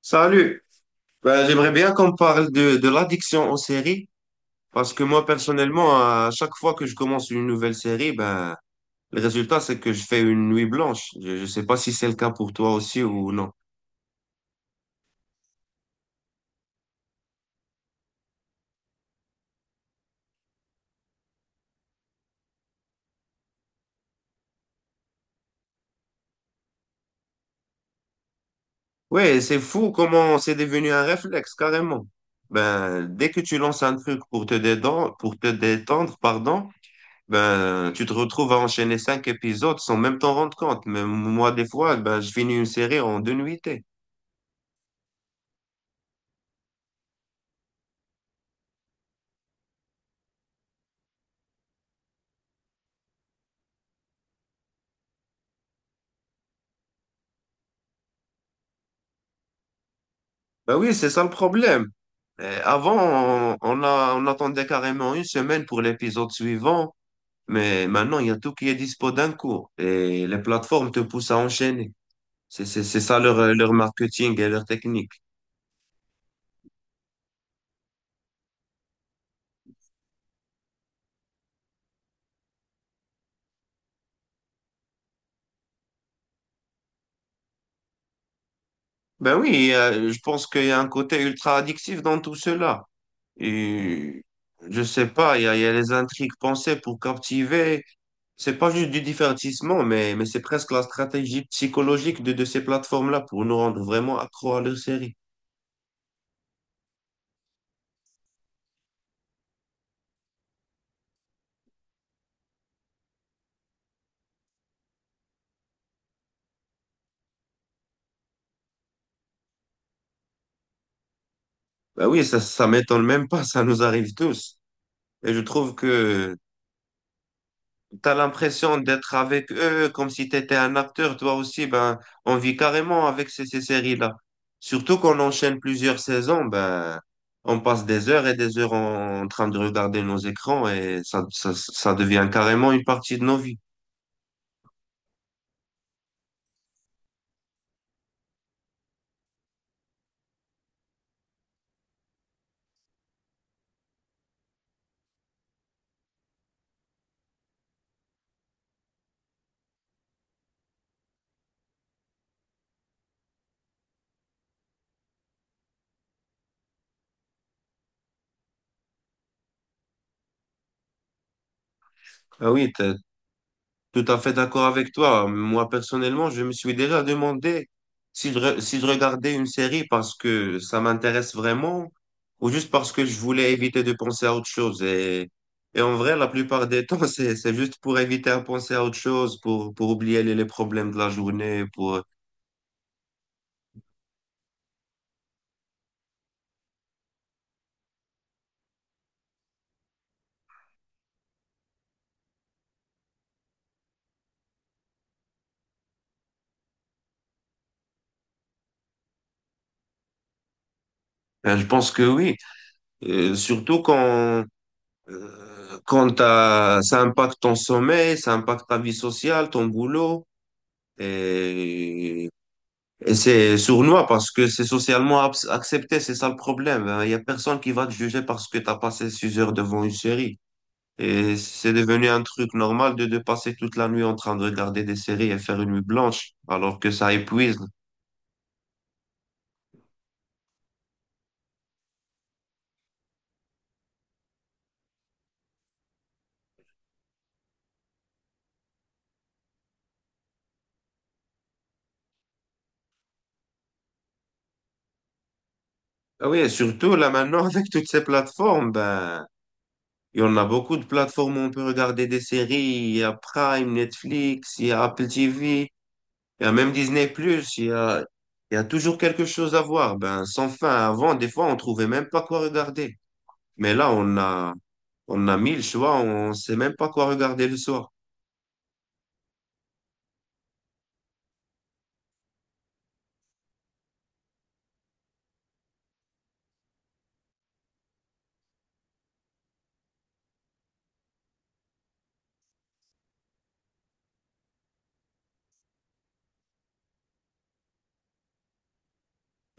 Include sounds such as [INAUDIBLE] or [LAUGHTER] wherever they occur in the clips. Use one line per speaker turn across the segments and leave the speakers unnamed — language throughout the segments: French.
Salut. Ben, j'aimerais bien qu'on parle de l'addiction aux séries parce que moi personnellement, à chaque fois que je commence une nouvelle série, ben, le résultat c'est que je fais une nuit blanche. Je ne sais pas si c'est le cas pour toi aussi ou non. Ouais, c'est fou comment c'est devenu un réflexe carrément. Ben, dès que tu lances un truc pour te détendre, pardon, ben, tu te retrouves à enchaîner cinq épisodes sans même t'en rendre compte. Mais moi, des fois, ben, je finis une série en deux nuitées. Ben oui, c'est ça le problème. Avant, on attendait carrément une semaine pour l'épisode suivant, mais maintenant, il y a tout qui est dispo d'un coup et les plateformes te poussent à enchaîner. C'est ça leur marketing et leur technique. Ben oui, je pense qu'il y a un côté ultra addictif dans tout cela. Et je sais pas, il y a les intrigues pensées pour captiver. C'est pas juste du divertissement, mais c'est presque la stratégie psychologique de ces plateformes-là pour nous rendre vraiment accro à leur série. Bah oui, ça m'étonne même pas, ça nous arrive tous. Et je trouve que tu as l'impression d'être avec eux comme si tu étais un acteur, toi aussi. Ben, on vit carrément avec ces séries-là. Surtout qu'on enchaîne plusieurs saisons, ben, on passe des heures et des heures en train de regarder nos écrans et ça devient carrément une partie de nos vies. Ah oui, tu tout à fait d'accord avec toi. Moi, personnellement, je me suis déjà demandé si si je regardais une série parce que ça m'intéresse vraiment ou juste parce que je voulais éviter de penser à autre chose. Et en vrai, la plupart des temps, [LAUGHS] c'est juste pour éviter à penser à autre chose, pour oublier les problèmes de la journée, pour, ben, je pense que oui. Surtout quand, euh, quand ça impacte ton sommeil, ça impacte ta vie sociale, ton boulot. Et Et c'est sournois parce que c'est socialement accepté, c'est ça le problème, hein. Il y a personne qui va te juger parce que t'as passé six heures devant une série. Et c'est devenu un truc normal de passer toute la nuit en train de regarder des séries et faire une nuit blanche, alors que ça épuise. Ah oui, et surtout là maintenant [LAUGHS] avec toutes ces plateformes, ben, il y en a beaucoup de plateformes où on peut regarder des séries. Il y a Prime, Netflix, il y a Apple TV. Il y a même Disney+, plus, il y a toujours quelque chose à voir. Ben, sans fin, avant, des fois, on trouvait même pas quoi regarder. Mais là, on a mille choix, on sait même pas quoi regarder le soir.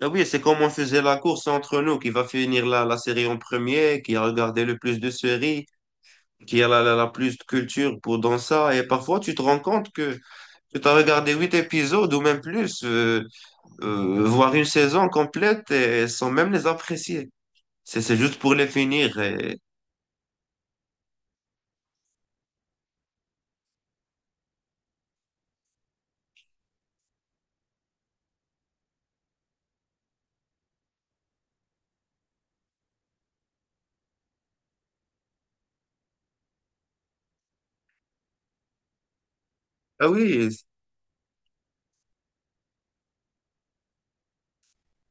Ah oui, c'est comme on faisait la course entre nous, qui va finir la série en premier, qui a regardé le plus de séries, qui a la plus de culture pour dans ça. Et parfois, tu te rends compte que tu as regardé huit épisodes ou même plus, voire une saison complète, et sans même les apprécier. C'est juste pour les finir. Et, ah oui,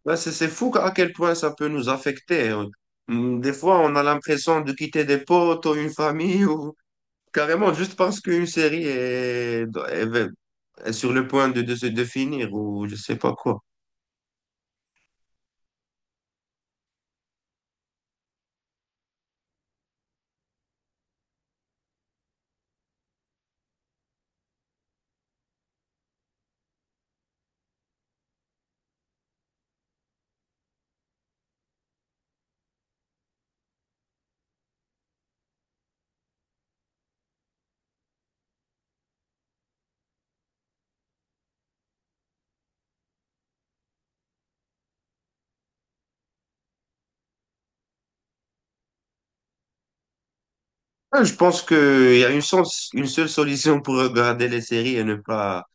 ouais, c'est fou à quel point ça peut nous affecter, hein. Des fois, on a l'impression de quitter des potes ou une famille ou carrément juste parce qu'une série est- est sur le point de se définir ou je sais pas quoi. Ouais, je pense qu'il y a une seule solution pour regarder les séries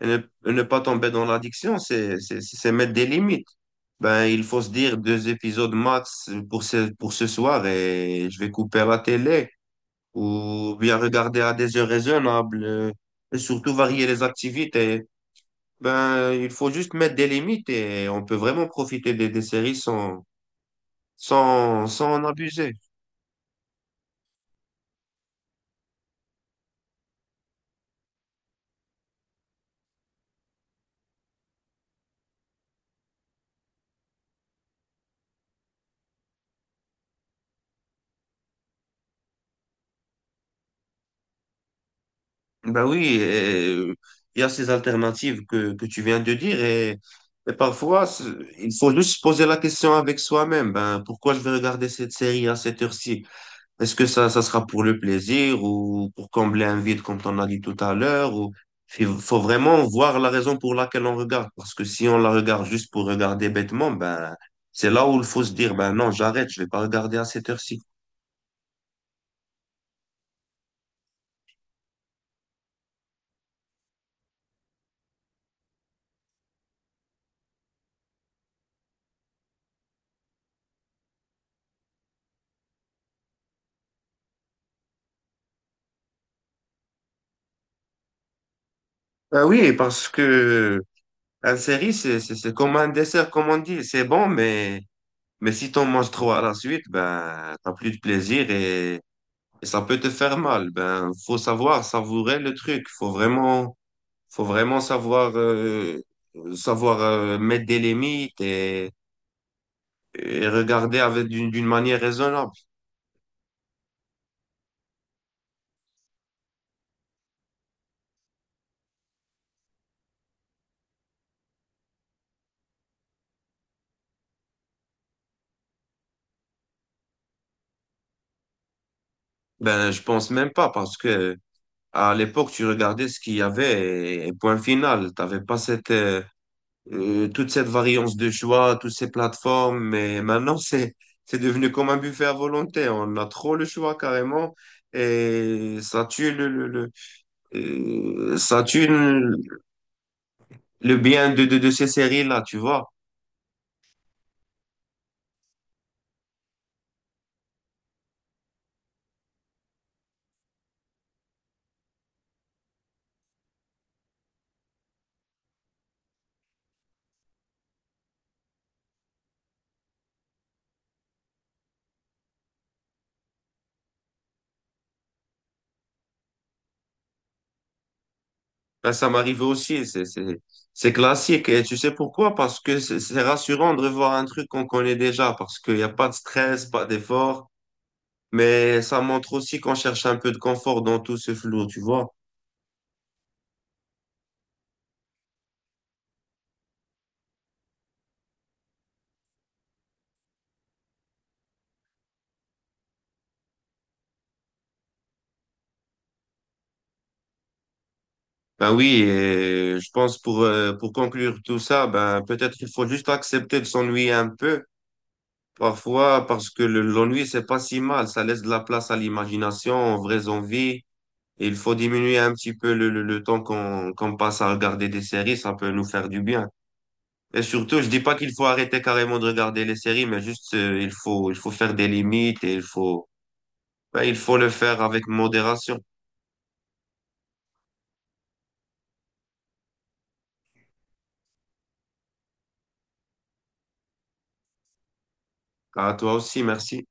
et ne, et ne pas tomber dans l'addiction, c'est mettre des limites. Ben, il faut se dire deux épisodes max pour pour ce soir et je vais couper la télé, ou bien regarder à des heures raisonnables, et surtout varier les activités. Ben, il faut juste mettre des limites et on peut vraiment profiter des séries sans, sans, sans en abuser. Ben oui, et, euh, il y a ces alternatives que tu viens de dire et parfois, il faut juste se poser la question avec soi-même. Ben, pourquoi je vais regarder cette série à cette heure-ci? Est-ce que ça sera pour le plaisir ou pour combler un vide comme on a dit tout à l'heure ou il faut vraiment voir la raison pour laquelle on regarde parce que si on la regarde juste pour regarder bêtement, ben c'est là où il faut se dire, ben non, j'arrête, je vais pas regarder à cette heure-ci. Ben oui, parce que un série c'est comme un dessert comme on dit, c'est bon, mais si t'en manges trop à la suite, ben t'as plus de plaisir et ça peut te faire mal. Ben faut savoir savourer le truc, faut vraiment savoir, savoir mettre des limites et regarder avec d'une manière raisonnable. Ben, je pense même pas parce que à l'époque, tu regardais ce qu'il y avait et point final. T'avais pas cette, toute cette variance de choix, toutes ces plateformes. Mais maintenant, [LAUGHS] c'est devenu comme un buffet à volonté. On a trop le choix carrément. Et ça tue ça tue le bien de ces séries-là, tu vois. Ben, ça m'arrive aussi, c'est classique. Et tu sais pourquoi? Parce que c'est rassurant de revoir un truc qu'on connaît déjà, parce qu'il n'y a pas de stress, pas d'effort, mais ça montre aussi qu'on cherche un peu de confort dans tout ce flou, tu vois? Ben oui, et je pense pour conclure tout ça, ben peut-être qu'il faut juste accepter de s'ennuyer un peu, parfois, parce que l'ennui, c'est pas si mal, ça laisse de la place à l'imagination, aux vraies envies. Et il faut diminuer un petit peu le temps qu'on passe à regarder des séries, ça peut nous faire du bien. Et surtout, je dis pas qu'il faut arrêter carrément de regarder les séries, mais juste il faut faire des limites et il faut ben, il faut le faire avec modération. À toi aussi, merci.